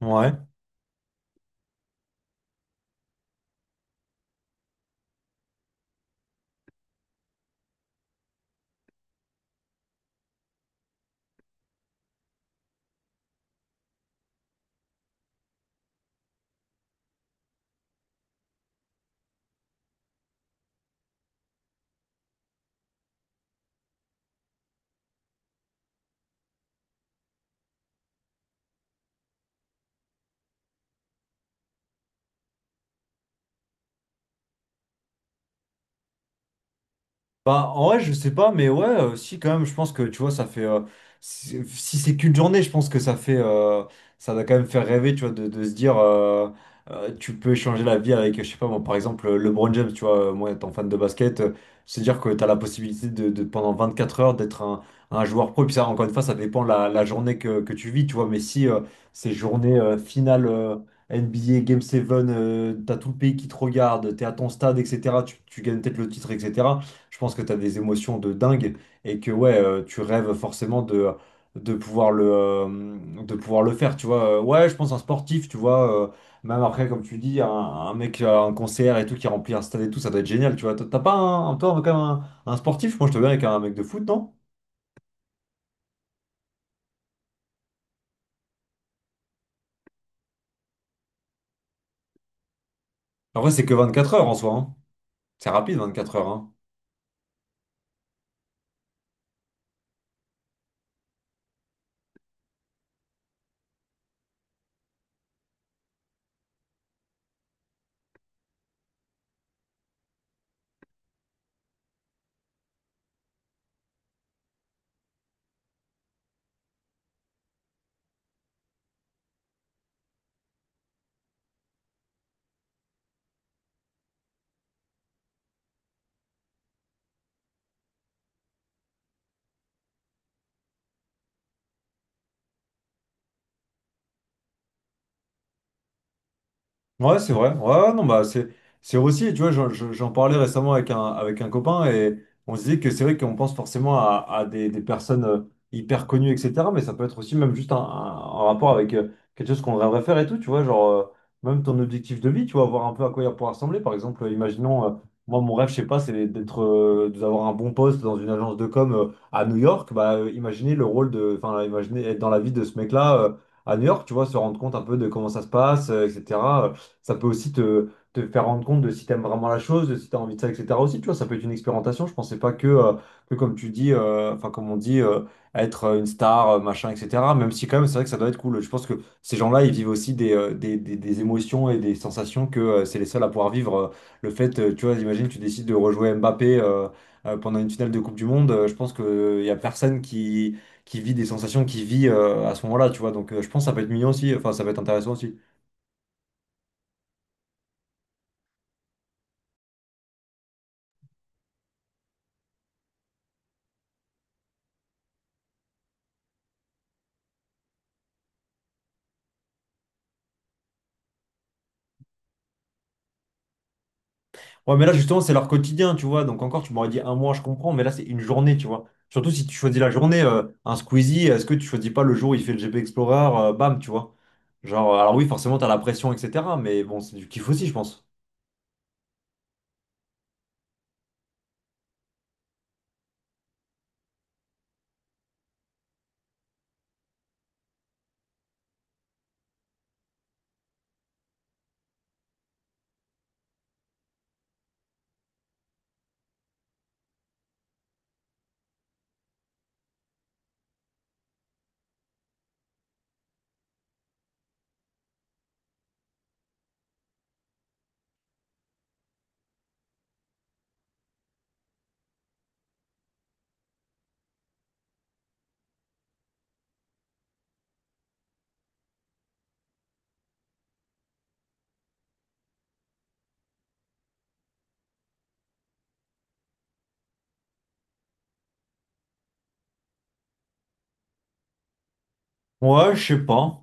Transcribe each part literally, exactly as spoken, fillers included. Ouais. Bah, en vrai, je sais pas, mais ouais, euh, si, quand même, je pense que, tu vois, ça fait euh, si si c'est qu'une journée, je pense que ça fait euh, ça doit quand même faire rêver, tu vois, de, de se dire euh, euh, tu peux échanger la vie avec, je sais pas, moi, par exemple, LeBron James, tu vois, euh, moi, étant fan de basket, euh, se dire que t'as la possibilité de, de, pendant quatre heures, d'être un, un joueur pro. Et puis ça, encore une fois, ça dépend la, la journée que, que tu vis, tu vois, mais si euh, ces journées euh, finales, euh, N B A Game sept, euh, t'as tout le pays qui te regarde, t'es à ton stade, et cetera. Tu, tu gagnes peut-être le titre, et cetera. Je pense que tu as des émotions de dingue et que ouais, euh, tu rêves forcément de, de pouvoir le, euh, de pouvoir le faire, tu vois. Euh, Ouais, je pense un sportif, tu vois. Euh, même après, comme tu dis, un, un mec, euh, un concert et tout, qui remplit un stade et tout, ça doit être génial, tu vois. T'as t'as pas un, toi, quand même, un, un sportif, moi je te verrais avec un mec de foot, non? Après, c'est que vingt-quatre heures en soi, hein. C'est rapide, vingt-quatre heures, hein. Ouais, c'est vrai. Ouais, ouais, non, bah, c'est, c'est aussi, tu vois, j'en j'en- j'en parlais récemment avec un, avec un copain et on se disait que c'est vrai qu'on pense forcément à, à des, des personnes euh, hyper connues, et cetera. Mais ça peut être aussi même juste un, un- un rapport avec euh, quelque chose qu'on rêverait faire et tout, tu vois, genre, euh, même ton objectif de vie, tu vois, voir un peu à quoi il pourra ressembler. Par exemple, euh, imaginons, euh, moi, mon rêve, je sais pas, c'est d'être, euh, d'avoir un bon poste dans une agence de com euh, à New York. Bah, euh, imaginez le rôle de, enfin, imaginez être dans la vie de ce mec-là. Euh, à New York, tu vois, se rendre compte un peu de comment ça se passe, euh, etc. Ça peut aussi te, te faire rendre compte de si tu aimes vraiment la chose, de si tu as envie de ça, et cetera aussi, tu vois, ça peut être une expérimentation. Je pensais pas que, euh, que comme tu dis, euh, enfin, comme on dit, euh, être euh, une star, euh, machin, et cetera. Même si, quand même, c'est vrai que ça doit être cool. Je pense que ces gens-là, ils vivent aussi des, euh, des, des- des émotions et des sensations que euh, c'est les seuls à pouvoir vivre. Euh, Le fait, euh, tu vois, imagine, tu décides de rejouer Mbappé. Euh, euh, pendant une finale de Coupe du Monde, euh, je pense qu'il y a personne qui, qui vit des sensations qui vit euh, à ce moment-là, tu vois. Donc euh, je pense que ça peut être mignon aussi, enfin ça peut être intéressant aussi. Ouais, mais là, justement, c'est leur quotidien, tu vois. Donc, encore, tu m'aurais dit un mois, je comprends, mais là, c'est une journée, tu vois. Surtout si tu choisis la journée, euh, un Squeezie, est-ce que tu choisis pas le jour où il fait le G P Explorer, euh, bam, tu vois. Genre, euh, alors oui, forcément, t'as la pression, et cetera. Mais bon, c'est du kiff aussi, je pense. Ouais, je sais pas.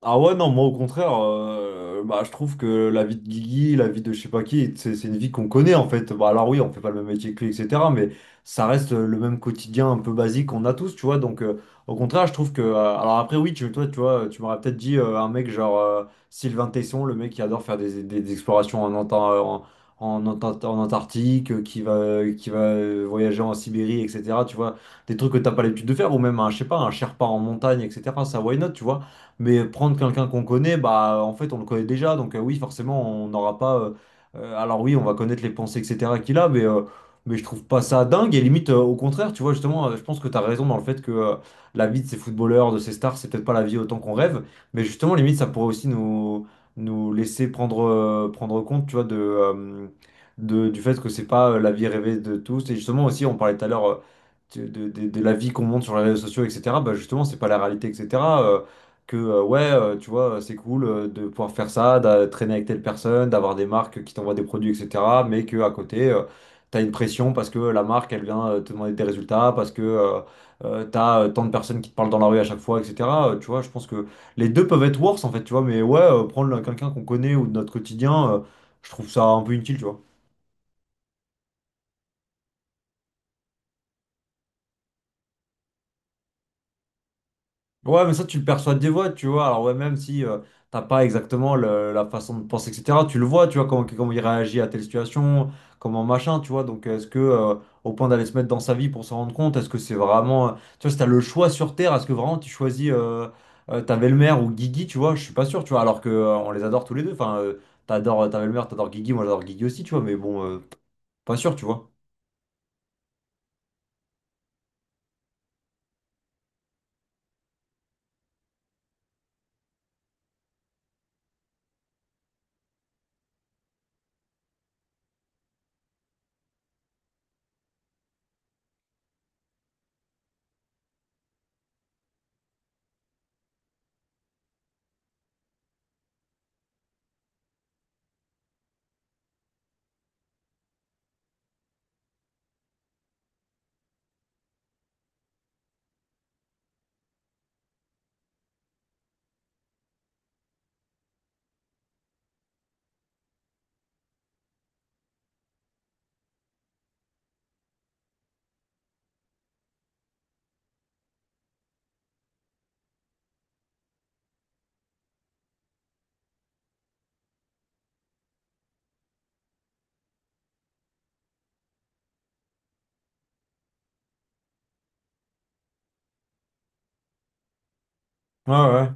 Ah ouais, non, moi au contraire, euh, bah, je trouve que la vie de Guigui, la vie de je sais pas qui, c'est c'est une vie qu'on connaît en fait. Bah, alors oui, on fait pas le même métier que lui, et cetera. Mais ça reste euh, le même quotidien un peu basique qu'on a tous, tu vois. Donc euh, au contraire, je trouve que euh, alors après oui, tu, toi, tu vois, tu m'aurais peut-être dit euh, un mec genre euh, Sylvain Tesson, le mec qui adore faire des, des- des explorations en, Anta- euh, en, en Anta- en Antarctique, euh, qui va, euh, qui va euh, voyager en Sibérie, et cetera. Tu vois, des trucs que t'as pas l'habitude de faire, ou même un, je sais pas, un Sherpa en montagne, et cetera. Ça, why not, tu vois. Mais prendre quelqu'un qu'on connaît, bah en fait on le connaît déjà, donc euh, oui forcément on n'aura pas. Euh, euh, alors oui on va connaître les pensées etc qu'il a, mais euh, mais je trouve pas ça dingue et limite euh, au contraire tu vois justement euh, je pense que tu as raison dans le fait que euh, la vie de ces footballeurs, de ces stars, c'est peut-être pas la vie autant qu'on rêve, mais justement limite ça pourrait aussi nous nous laisser prendre euh, prendre compte tu vois de euh, de, du fait que c'est pas euh, la vie rêvée de tous. Et justement aussi, on parlait tout à l'heure euh, de, de- de- de la vie qu'on montre sur les réseaux sociaux, et cetera, bah justement, c'est pas la réalité, et cetera euh, que, euh, ouais, euh, tu vois, c'est cool euh, de pouvoir faire ça, de traîner avec telle personne, d'avoir des marques qui t'envoient des produits, et cetera. Mais que à côté, euh, t'as une pression parce que la marque, elle vient euh, te demander des résultats, parce que euh, euh, t'as euh, tant de personnes qui te parlent dans la rue à chaque fois, et cetera. Euh, tu vois, je pense que les deux peuvent être worse, en fait, tu vois, mais ouais, euh, prendre quelqu'un qu'on connaît ou de notre quotidien, euh, je trouve ça un peu inutile, tu vois. Ouais, mais ça, tu le perçois des voix, tu vois. Alors, ouais, même si euh, t'as pas exactement le- la façon de penser, et cetera, tu le vois, tu vois, comment, comment il réagit à telle situation, comment machin, tu vois. Donc, est-ce que, euh, au point d'aller se mettre dans sa vie pour s'en rendre compte, est-ce que c'est vraiment euh, tu vois, si t'as le choix sur Terre, est-ce que vraiment tu choisis euh, euh, ta belle-mère ou Guigui, tu vois, je suis pas sûr, tu vois. Alors que euh, on les adore tous les deux. Enfin, euh, t'adores euh, ta belle-mère, t'adores Guigui, moi j'adore Guigui aussi, tu vois, mais bon, euh, pas sûr, tu vois. Ouais, ouais.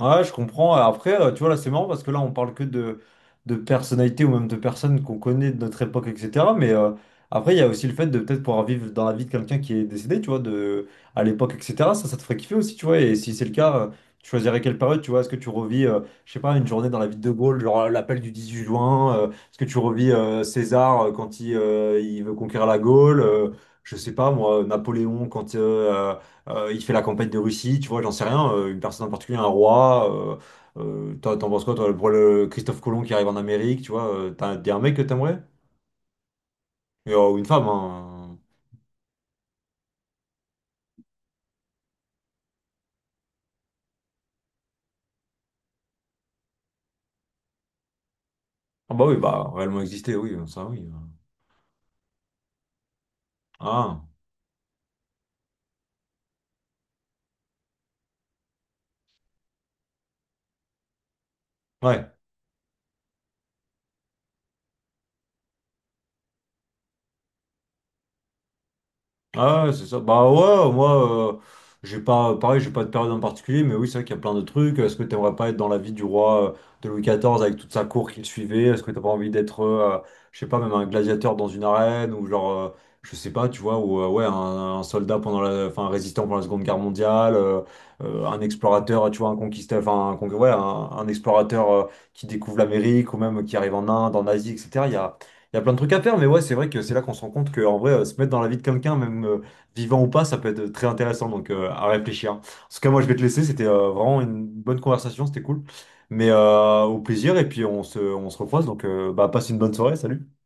Ouais, je comprends. Après, euh, tu vois, là, c'est marrant parce que là, on parle que de, de personnalités ou même de personnes qu'on connaît de notre époque, et cetera. Mais euh, après, il y a aussi le fait de peut-être pouvoir vivre dans la vie de quelqu'un qui est décédé, tu vois, de, à l'époque, et cetera. Ça, ça te ferait kiffer aussi, tu vois. Et si c'est le cas, euh, tu choisirais quelle période, tu vois. Est-ce que tu revis, euh, je sais pas, une journée dans la vie de De Gaulle, genre euh, l'appel du dix-huit juin? Euh, est-ce que tu revis euh, César euh, quand il, euh, il veut conquérir la Gaule? Euh, je sais pas, moi, Napoléon quand euh, euh, euh, il fait la campagne de Russie, tu vois, j'en sais rien. Euh, une personne en particulier, un roi. Euh, euh, t'en t'en penses quoi, toi, pour le Christophe Colomb qui arrive en Amérique, tu vois, euh, t'as t'es un mec que t'aimerais? Et, euh, ou une femme, hein. Ah bah oui, bah, réellement exister, oui, ça oui. Ah, ouais. Ah ouais, c'est ça. Bah ouais, moi, euh, j'ai pas, pareil, j'ai pas de période en particulier, mais oui, c'est vrai qu'il y a plein de trucs. Est-ce que t'aimerais pas être dans la vie du roi euh, de Louis quatorze avec toute sa cour qu'il suivait? Est-ce que t'as pas envie d'être, euh, je sais pas, même un gladiateur dans une arène ou genre, euh, je sais pas, tu vois, ou euh, ouais, un, un soldat pendant la, enfin, un résistant pendant la Seconde Guerre mondiale, euh, euh, un explorateur, tu vois, un conquistador, enfin, un, con- ouais, un, un explorateur euh, qui découvre l'Amérique ou même qui arrive en Inde, en Asie, et cetera. Il y a plein de trucs à faire, mais ouais, c'est vrai que c'est là qu'on se rend compte que, en vrai, euh, se mettre dans la vie de quelqu'un, même euh, vivant ou pas, ça peut être euh, très intéressant, donc euh, à réfléchir. En tout cas, moi, je vais te laisser, c'était euh, vraiment une bonne conversation, c'était cool. Mais euh, au plaisir, et puis on se, on se recroise, donc euh, bah, passe une bonne soirée, salut.